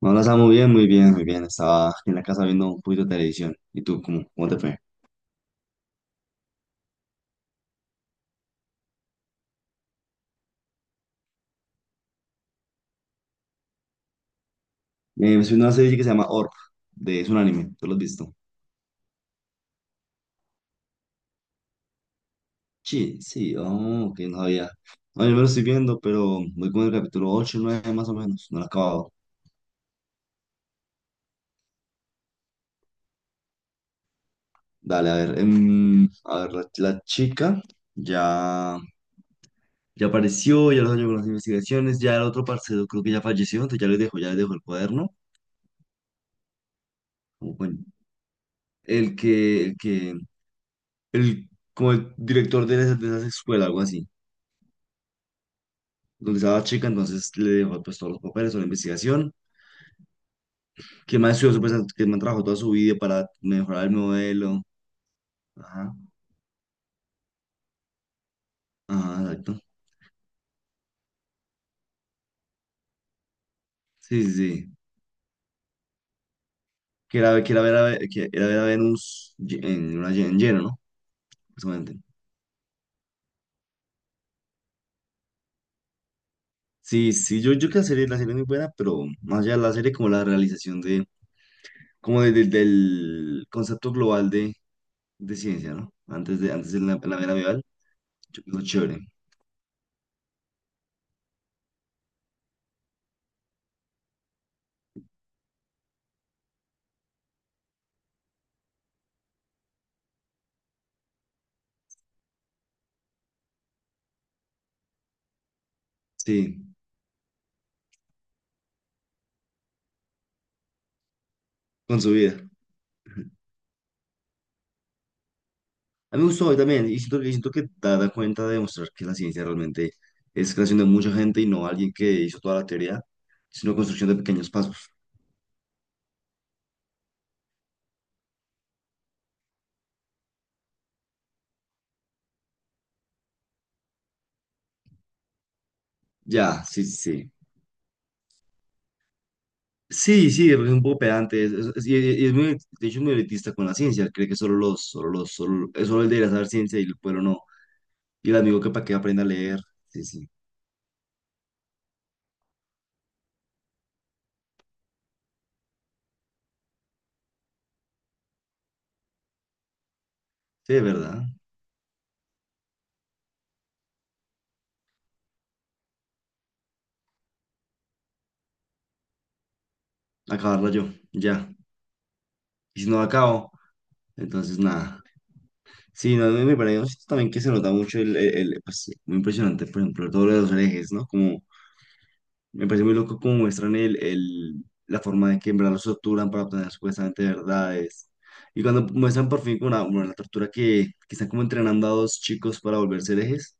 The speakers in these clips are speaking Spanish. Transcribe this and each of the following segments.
No, la muy bien, muy bien, muy bien. Estaba aquí en la casa viendo un poquito de televisión. ¿Y tú, cómo te fue? Me estoy una serie que se llama Orb, es un anime, ¿tú lo has visto? Sí, sí, oh, ok, no sabía. No, yo me lo estoy viendo, pero voy con el capítulo ocho nueve más o menos, no lo he acabado. Dale, a ver, a ver, la chica ya, ya apareció, ya los años con las investigaciones, ya el otro parcero creo que ya falleció, entonces ya les dejo el cuaderno. como buen- el que, el, como el director de esa escuela, algo así, donde estaba la chica, entonces le dejó pues todos los papeles, toda la investigación, que más estudió, pues, que más trabajó toda su vida para mejorar el modelo, ajá, ajá, exacto, sí, sí, sí, que era ver a Venus en lleno, ¿no? Justamente. Sí, sí, yo creo que la serie es muy buena, pero más allá de la serie, como la realización de del concepto global de ciencia, ¿no? Antes de la era medieval, yo creo chévere, sí, con su vida. A mí me gustó hoy también, y siento que da, da cuenta de demostrar que la ciencia realmente es creación de mucha gente y no alguien que hizo toda la teoría, sino construcción de pequeños pasos. Ya, sí, sí, sí. Sí, sí, es un poco pedante, y es muy, de hecho es muy elitista con la ciencia, cree que solo, es solo el debería saber ciencia y el pueblo no, y el amigo que para que aprenda a leer, sí, sí. Sí, de verdad. Acabarla yo, ya. Y si no la acabo, entonces nada. Sí, no, me parece también que se nota mucho pues, sí, muy impresionante, por ejemplo, todo lo de los herejes, ¿no? Como, me parece muy loco cómo muestran la forma de que en verdad los torturan para obtener supuestamente verdades. Y cuando muestran por fin como una, bueno, la tortura que están como entrenando a dos chicos para volverse herejes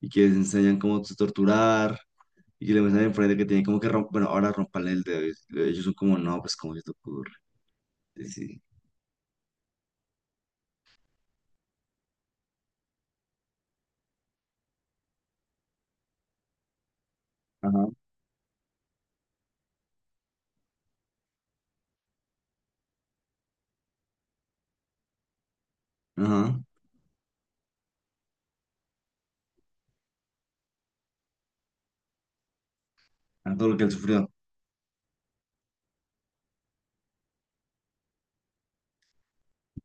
y que les enseñan cómo se torturar y que le muestran enfrente que tienen como que romper, bueno, ahora rompan el dedo. Y ellos son como, no, pues, ¿cómo que te ocurre? Sí. Ajá, ajá, a todo lo que él sufrió.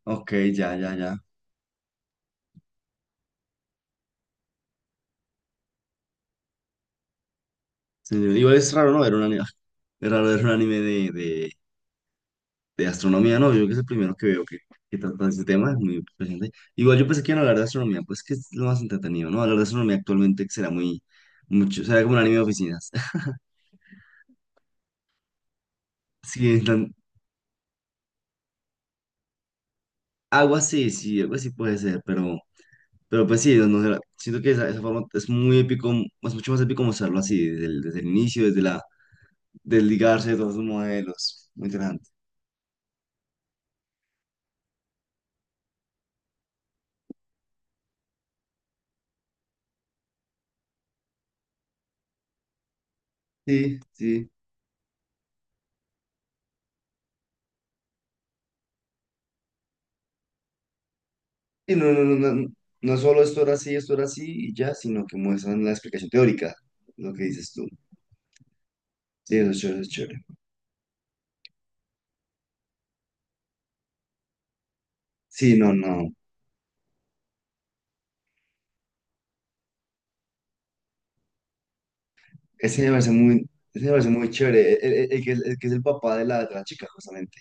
Ok, ya, ya, ya. Sí, igual es raro, ¿no? Ver un anime, es raro ver un anime de astronomía, ¿no? Yo creo que es el primero que veo que trata ese tema, es muy presente. Igual yo pensé que iban a hablar de astronomía, pues que es lo más entretenido, ¿no? Hablar de astronomía actualmente será muy, mucho, será como un anime de oficinas. Sí, algo así, sí, algo así puede ser, pero pues sí, no, no sé, siento que esa forma es muy épico, es mucho más épico mostrarlo así, desde el inicio, desde la, desligarse de todos sus modelos. Muy interesante. Sí, sí. Y no solo esto era así y ya, sino que muestran la explicación teórica, lo que dices tú. Sí, eso es chévere, eso es chévere. Sí, no, no. Ese me parece muy chévere. El que es el papá de la chica, justamente.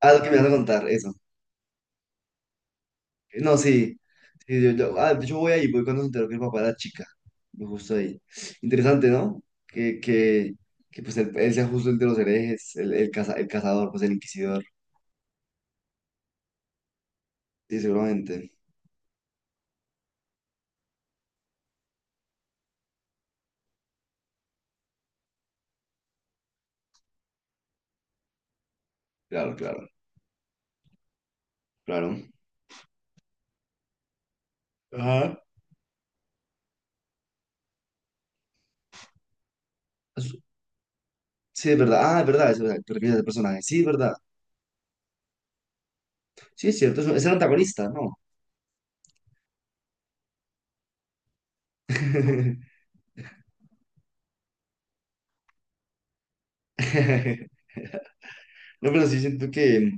Ah, lo que me vas a contar, eso. No, sí. Sí, yo voy ahí, voy cuando se enteró que el papá era chica. Yo justo ahí. Interesante, ¿no? Que, que, que pues él sea justo el de los herejes, el cazador, pues el inquisidor. Sí, seguramente. Claro, claro, claro. Ajá. Es- sí, es verdad. Ah, es verdad, es verdad. Te refieres al personaje. Sí, es verdad. Sí, es cierto. Es el antagonista, ¿no? No, pero sí siento que,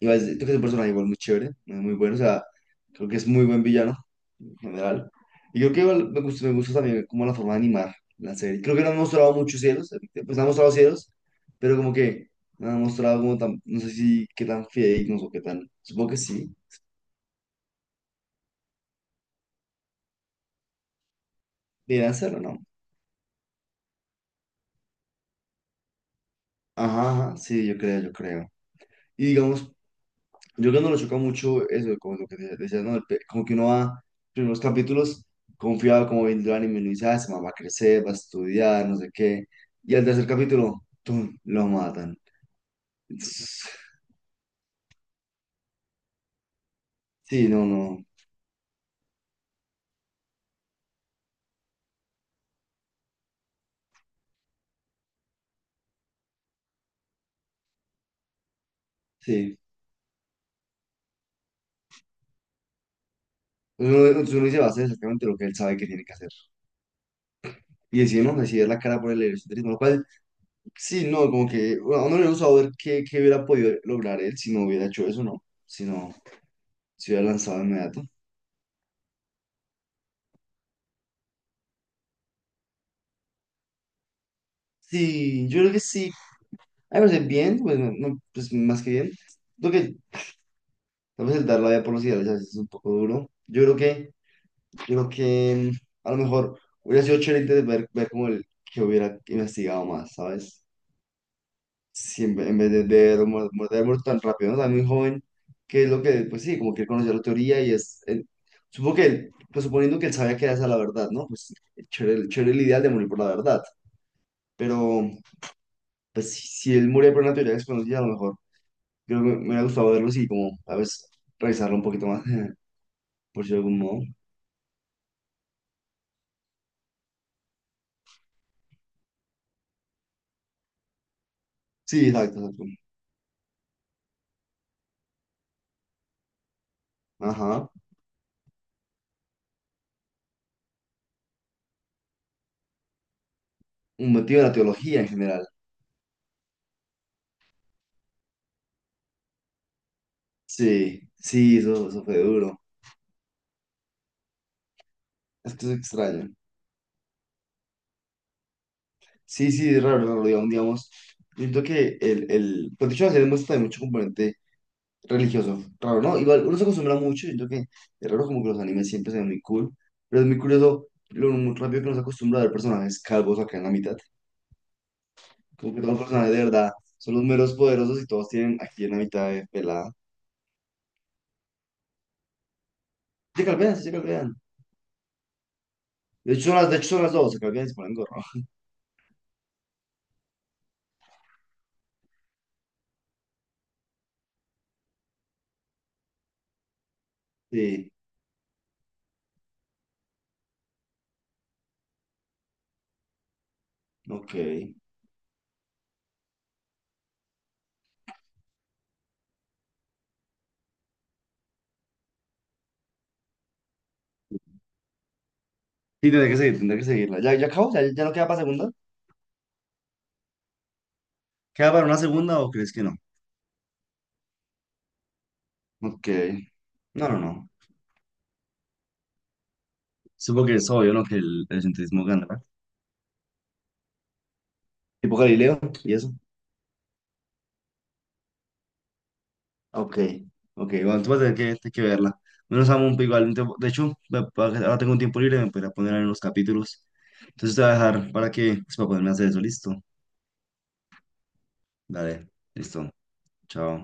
igual, siento que es un personaje igual muy chévere, es muy bueno, o sea, creo que es muy buen villano en general. Y creo que igual me gusta también como la forma de animar la serie. Creo que no han mostrado muchos cielos, pues han mostrado cielos, pero como que no han mostrado como tan, no sé si qué tan fidedignos o qué tan, supongo que sí, deberían hacerlo, ¿no? Ajá, ajá, sí, yo creo, yo creo. Y digamos, yo creo que no lo choca mucho eso, como lo que te decía, ¿no? Como que uno va, primeros capítulos, confiado como viendo el anime, uno dice, ah, se va a crecer, va a estudiar, no sé qué. Y al tercer capítulo, ¡tum!, lo matan. Entonces, sí, no, no, sí. Entonces uno dice, va a hacer exactamente lo que él sabe que tiene que hacer. Y decide, ¿no? Decide la cara por el egocentrismo, lo cual, sí, no, como que bueno, a uno le gusta ver qué, qué hubiera podido lograr él si no hubiera hecho eso, ¿no? Si no, se hubiera lanzado de inmediato. Sí, yo creo que sí, a ver, bien, pues, no, no, pues más que bien. Creo que tal vez el dar la vida por los ideales a veces es un poco duro. Yo creo que mm, a lo mejor hubiera sido chévere ver, ver como el que hubiera investigado más, ¿sabes? Si en, ve- en vez de haber muerto tan rápido, ¿no? Tan muy joven, que es lo que, pues sí, como que él conoció la teoría y es, supongo que, él, pues suponiendo que él sabía que era esa la verdad, ¿no? Pues chévere, chévere el ideal de morir por la verdad, pero pues si, si él moría por una teoría desconocida, a lo mejor. Creo que me hubiera gustado verlos y como, a veces, revisarlo un poquito más, por si de algún modo. Sí, exacto, exacto. Ajá. Un motivo de la teología en general. Sí, sí, eso fue duro. Es que es extraño. Sí, sí, es raro, raro, digamos, digamos. Yo siento que pues de hecho la serie muestra también mucho componente religioso. Raro, ¿no? Igual uno se acostumbra mucho, yo creo que es raro como que los animes siempre se ven muy cool, pero es muy curioso lo muy rápido que uno se acostumbra a ver personajes calvos acá en la mitad. Como que son personajes de verdad. Son los meros poderosos y todos tienen aquí en la mitad de pelada. Se calvean, sí se calvean. De hecho, son las, de hecho son las dos, se calvean y se ponen gorro. Sí, ok. Sí, tendré que seguir, tendré que seguirla. ¿Ya, ya acabó? ¿Ya, ya no queda para segunda? ¿Queda para una segunda o crees que no? Ok. No, no, no. Supongo que es obvio, ¿no? Que el egocentrismo gana, ¿verdad? Tipo Galileo y eso. Ok. Ok, bueno, tú vas a tener que verla. Menos amo, un igual. De hecho, ahora tengo un tiempo libre, me podría poner en los capítulos. Entonces te voy a dejar para que, pues, para ponerme a hacer eso, listo. Dale, listo. Chao.